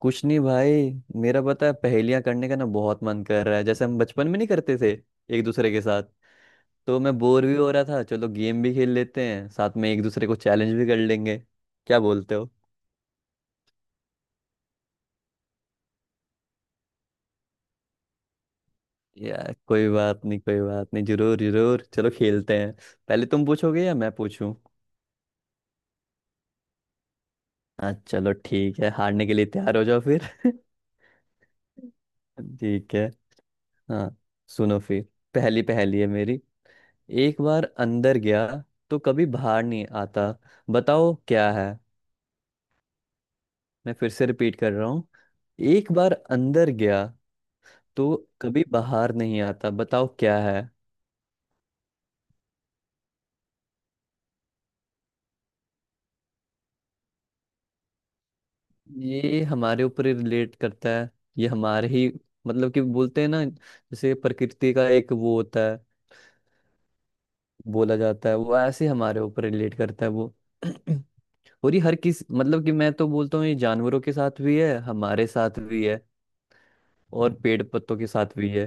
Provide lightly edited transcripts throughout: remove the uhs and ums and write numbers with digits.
कुछ नहीं भाई। मेरा पता है पहेलियां करने का ना बहुत मन कर रहा है जैसे हम बचपन में नहीं करते थे एक दूसरे के साथ। तो मैं बोर भी हो रहा था, चलो गेम भी खेल लेते हैं साथ में, एक दूसरे को चैलेंज भी कर लेंगे। क्या बोलते हो? यार कोई बात नहीं कोई बात नहीं, जरूर जरूर, चलो खेलते हैं। पहले तुम पूछोगे या मैं पूछूं? हाँ चलो ठीक है, हारने के लिए तैयार हो जाओ फिर। ठीक है। हाँ। सुनो फिर। पहली पहली है मेरी। एक बार अंदर गया तो कभी बाहर नहीं आता। बताओ क्या है। मैं फिर से रिपीट कर रहा हूँ। एक बार अंदर गया तो कभी बाहर नहीं आता। बताओ क्या है। ये हमारे ऊपर रिलेट करता है। ये हमारे ही मतलब कि बोलते हैं ना जैसे प्रकृति का एक वो होता है, बोला जाता है वो, ऐसे हमारे ऊपर रिलेट करता है वो। और ये हर किस मतलब कि मैं तो बोलता हूँ ये जानवरों के साथ भी है, हमारे साथ भी है और पेड़ पत्तों के साथ भी है।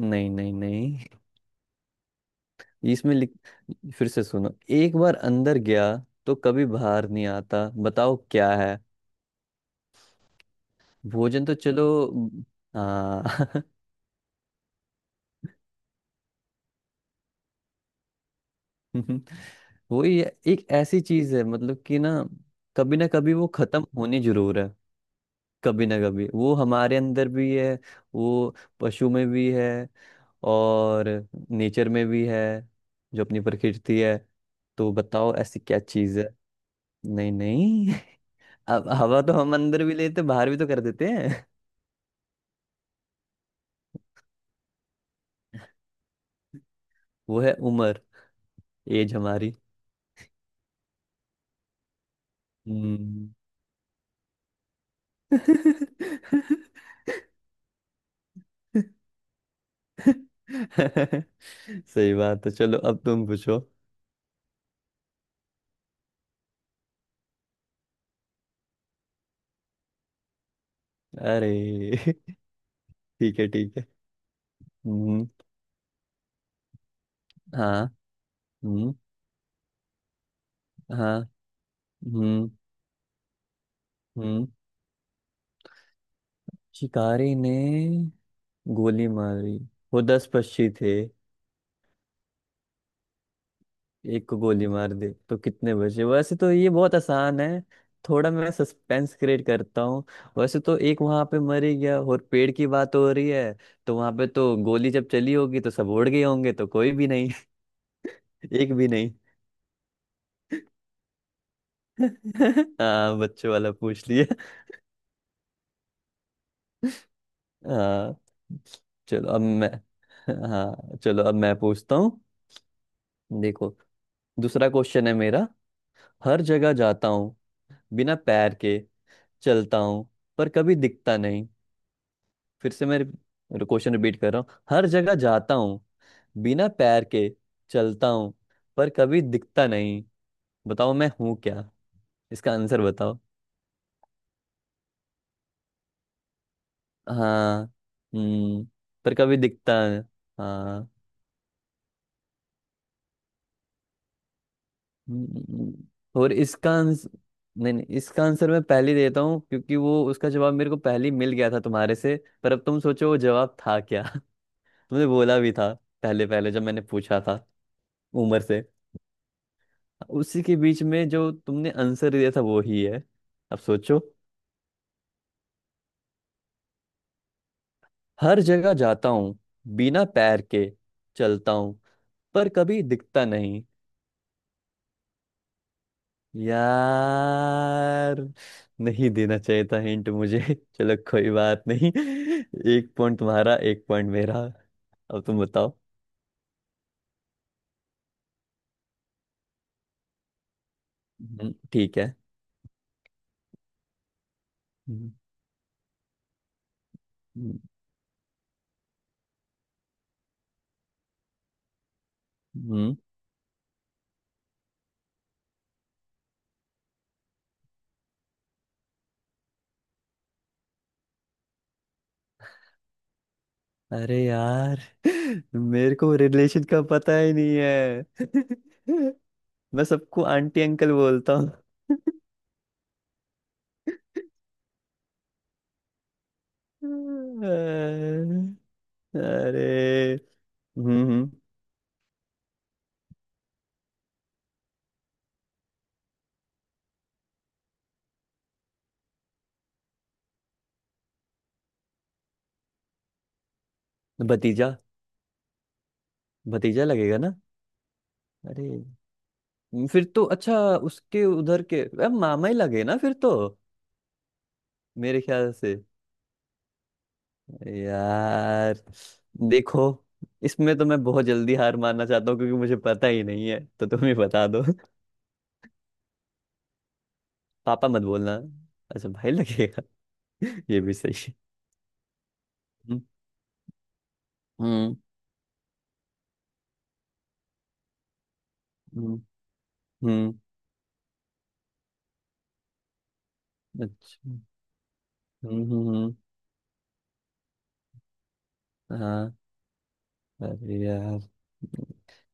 नहीं नहीं नहीं, इसमें लिख, फिर से सुनो। एक बार अंदर गया तो कभी बाहर नहीं आता। बताओ क्या है। भोजन? तो चलो। हाँ। वही है, एक ऐसी चीज है मतलब कि ना कभी वो खत्म होनी जरूर है। कभी ना कभी वो हमारे अंदर भी है, वो पशु में भी है और नेचर में भी है, जो अपनी प्रकृति है। तो बताओ ऐसी क्या चीज है। नहीं नहीं। अब हवा तो हम अंदर भी लेते बाहर भी तो कर देते हैं। वो है उम्र। एज हमारी। हम्म। सही बात है, चलो अब तुम पूछो। अरे। ठीक है ठीक है। हम्म हाँ। हम्म हाँ। हम्म हम्म शिकारी ने गोली मारी। वो दस पक्षी थे। एक को गोली मार दे तो कितने बचे? वैसे तो ये बहुत आसान है। थोड़ा मैं सस्पेंस क्रिएट करता हूँ। वैसे तो एक वहां पे मर ही गया और पेड़ की बात हो रही है तो वहां पे तो गोली जब चली होगी तो सब उड़ गए होंगे, तो कोई भी नहीं। एक भी नहीं। हाँ बच्चों वाला पूछ लिया। हाँ चलो अब मैं हाँ चलो अब मैं पूछता हूँ। देखो, दूसरा क्वेश्चन है मेरा। हर जगह जाता हूँ, बिना पैर के चलता हूँ, पर कभी दिखता नहीं। फिर से मैं क्वेश्चन रिपीट कर रहा हूँ। हर जगह जाता हूँ, बिना पैर के चलता हूँ, पर कभी दिखता नहीं। बताओ मैं हूँ क्या। इसका आंसर बताओ। हाँ। हम्म। पर कभी दिखता है। हाँ। हम्म। और इसका आंसर, नहीं नहीं, इसका आंसर मैं पहले ही देता हूँ क्योंकि वो उसका जवाब मेरे को पहले ही मिल गया था तुम्हारे से। पर अब तुम सोचो वो जवाब था क्या। तुमने बोला भी था, पहले पहले जब मैंने पूछा था, उमर से। उसी के बीच में जो तुमने आंसर दिया था वो ही है। अब सोचो। हर जगह जाता हूँ, बिना पैर के चलता हूँ, पर कभी दिखता नहीं। यार नहीं देना चाहिए था हिंट मुझे। चलो कोई बात नहीं। एक पॉइंट तुम्हारा एक पॉइंट मेरा। अब तुम बताओ। ठीक है। हम्म। हम्म, हम्म। अरे यार। मेरे को रिलेशन का पता ही नहीं है। मैं सबको आंटी अंकल बोलता। अरे। हम्म हम्म, भतीजा। भतीजा लगेगा ना? अरे फिर तो अच्छा, उसके उधर के अब मामा ही लगे ना फिर तो, मेरे ख्याल से। यार देखो, इसमें तो मैं बहुत जल्दी हार मानना चाहता हूँ क्योंकि मुझे पता ही नहीं है तो तुम ही बता दो। पापा मत बोलना। अच्छा भाई लगेगा। ये भी सही है। हम्म हम्म हम्म हम्म, अच्छा। हम्म हम्म हम्म, हाँ। अरे यार,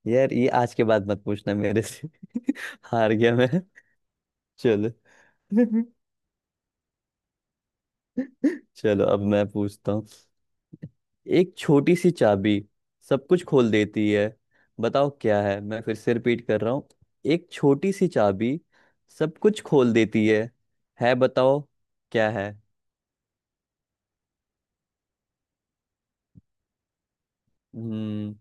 यार ये आज के बाद मत पूछना मेरे से। हार गया मैं। चलो। चलो अब मैं पूछता हूँ। एक छोटी सी चाबी सब कुछ खोल देती है। बताओ क्या है। मैं फिर से रिपीट कर रहा हूँ। एक छोटी सी चाबी सब कुछ खोल देती है। है बताओ क्या है। हम्म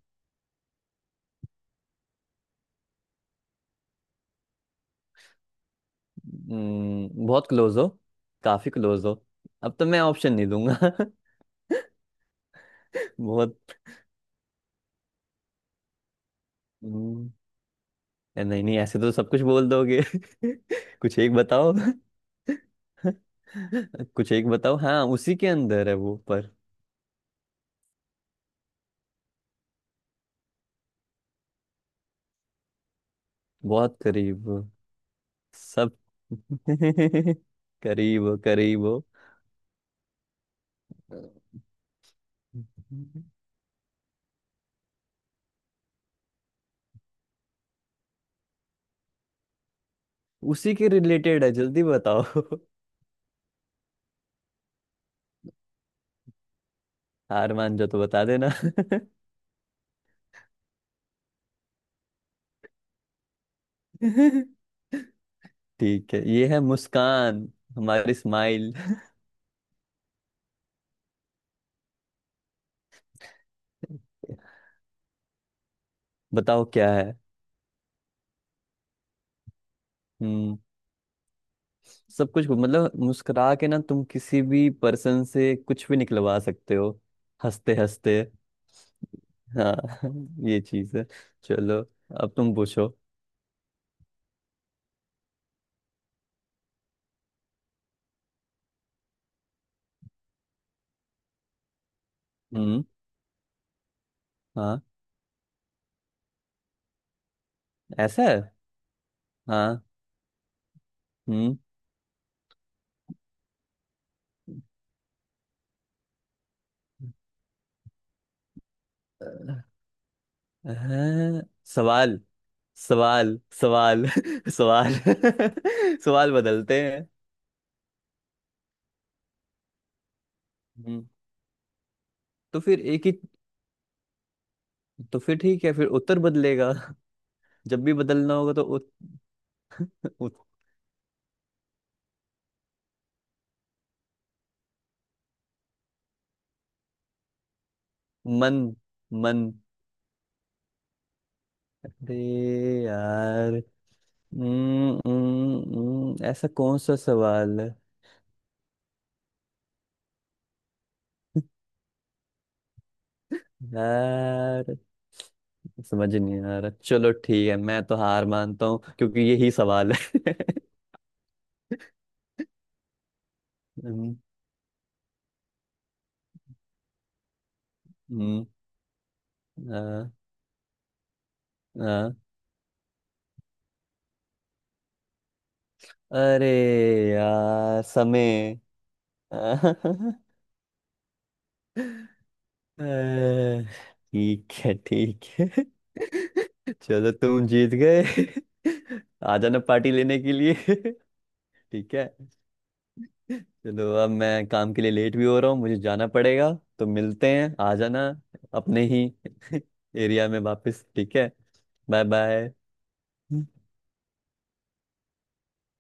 बहुत क्लोज हो। काफी क्लोज हो। अब तो मैं ऑप्शन नहीं दूंगा। बहुत। हम्म, नहीं नहीं ऐसे तो सब कुछ बोल दोगे। कुछ एक बताओ। कुछ एक बताओ, हाँ उसी के अंदर है वो पर। बहुत करीब। सब। करीब हो, करीब हो। उसी के रिलेटेड है, जल्दी बताओ। हार मान जाओ तो बता देना। ठीक है, ये है मुस्कान, हमारी स्माइल। बताओ क्या है। हम्म। सब कुछ मतलब मुस्कुरा के ना तुम किसी भी पर्सन से कुछ भी निकलवा सकते हो। हंसते हंसते। हाँ। ये चीज है। चलो अब तुम पूछो। हम्म। हाँ। ऐसा है? हाँ। हम्म हाँ, सवाल। सवाल सवाल सवाल बदलते हैं। हम्म। तो फिर एक ही, तो फिर ठीक है, फिर उत्तर बदलेगा। जब भी बदलना होगा तो उत, उत, मन। मन। अरे यार। ऐसा कौन सा सवाल है? यार समझ नहीं आ रहा, चलो ठीक है मैं तो हार मानता हूँ क्योंकि यही सवाल है। हम्म, हम्म, हाँ। हाँ। अरे यार समय। अह, ठीक है ठीक है। चलो तुम जीत गए। आ जाना पार्टी लेने के लिए। ठीक है। चलो अब मैं काम के लिए लेट भी हो रहा हूँ, मुझे जाना पड़ेगा। तो मिलते हैं, आ जाना अपने ही एरिया में वापस। ठीक है। Bye bye.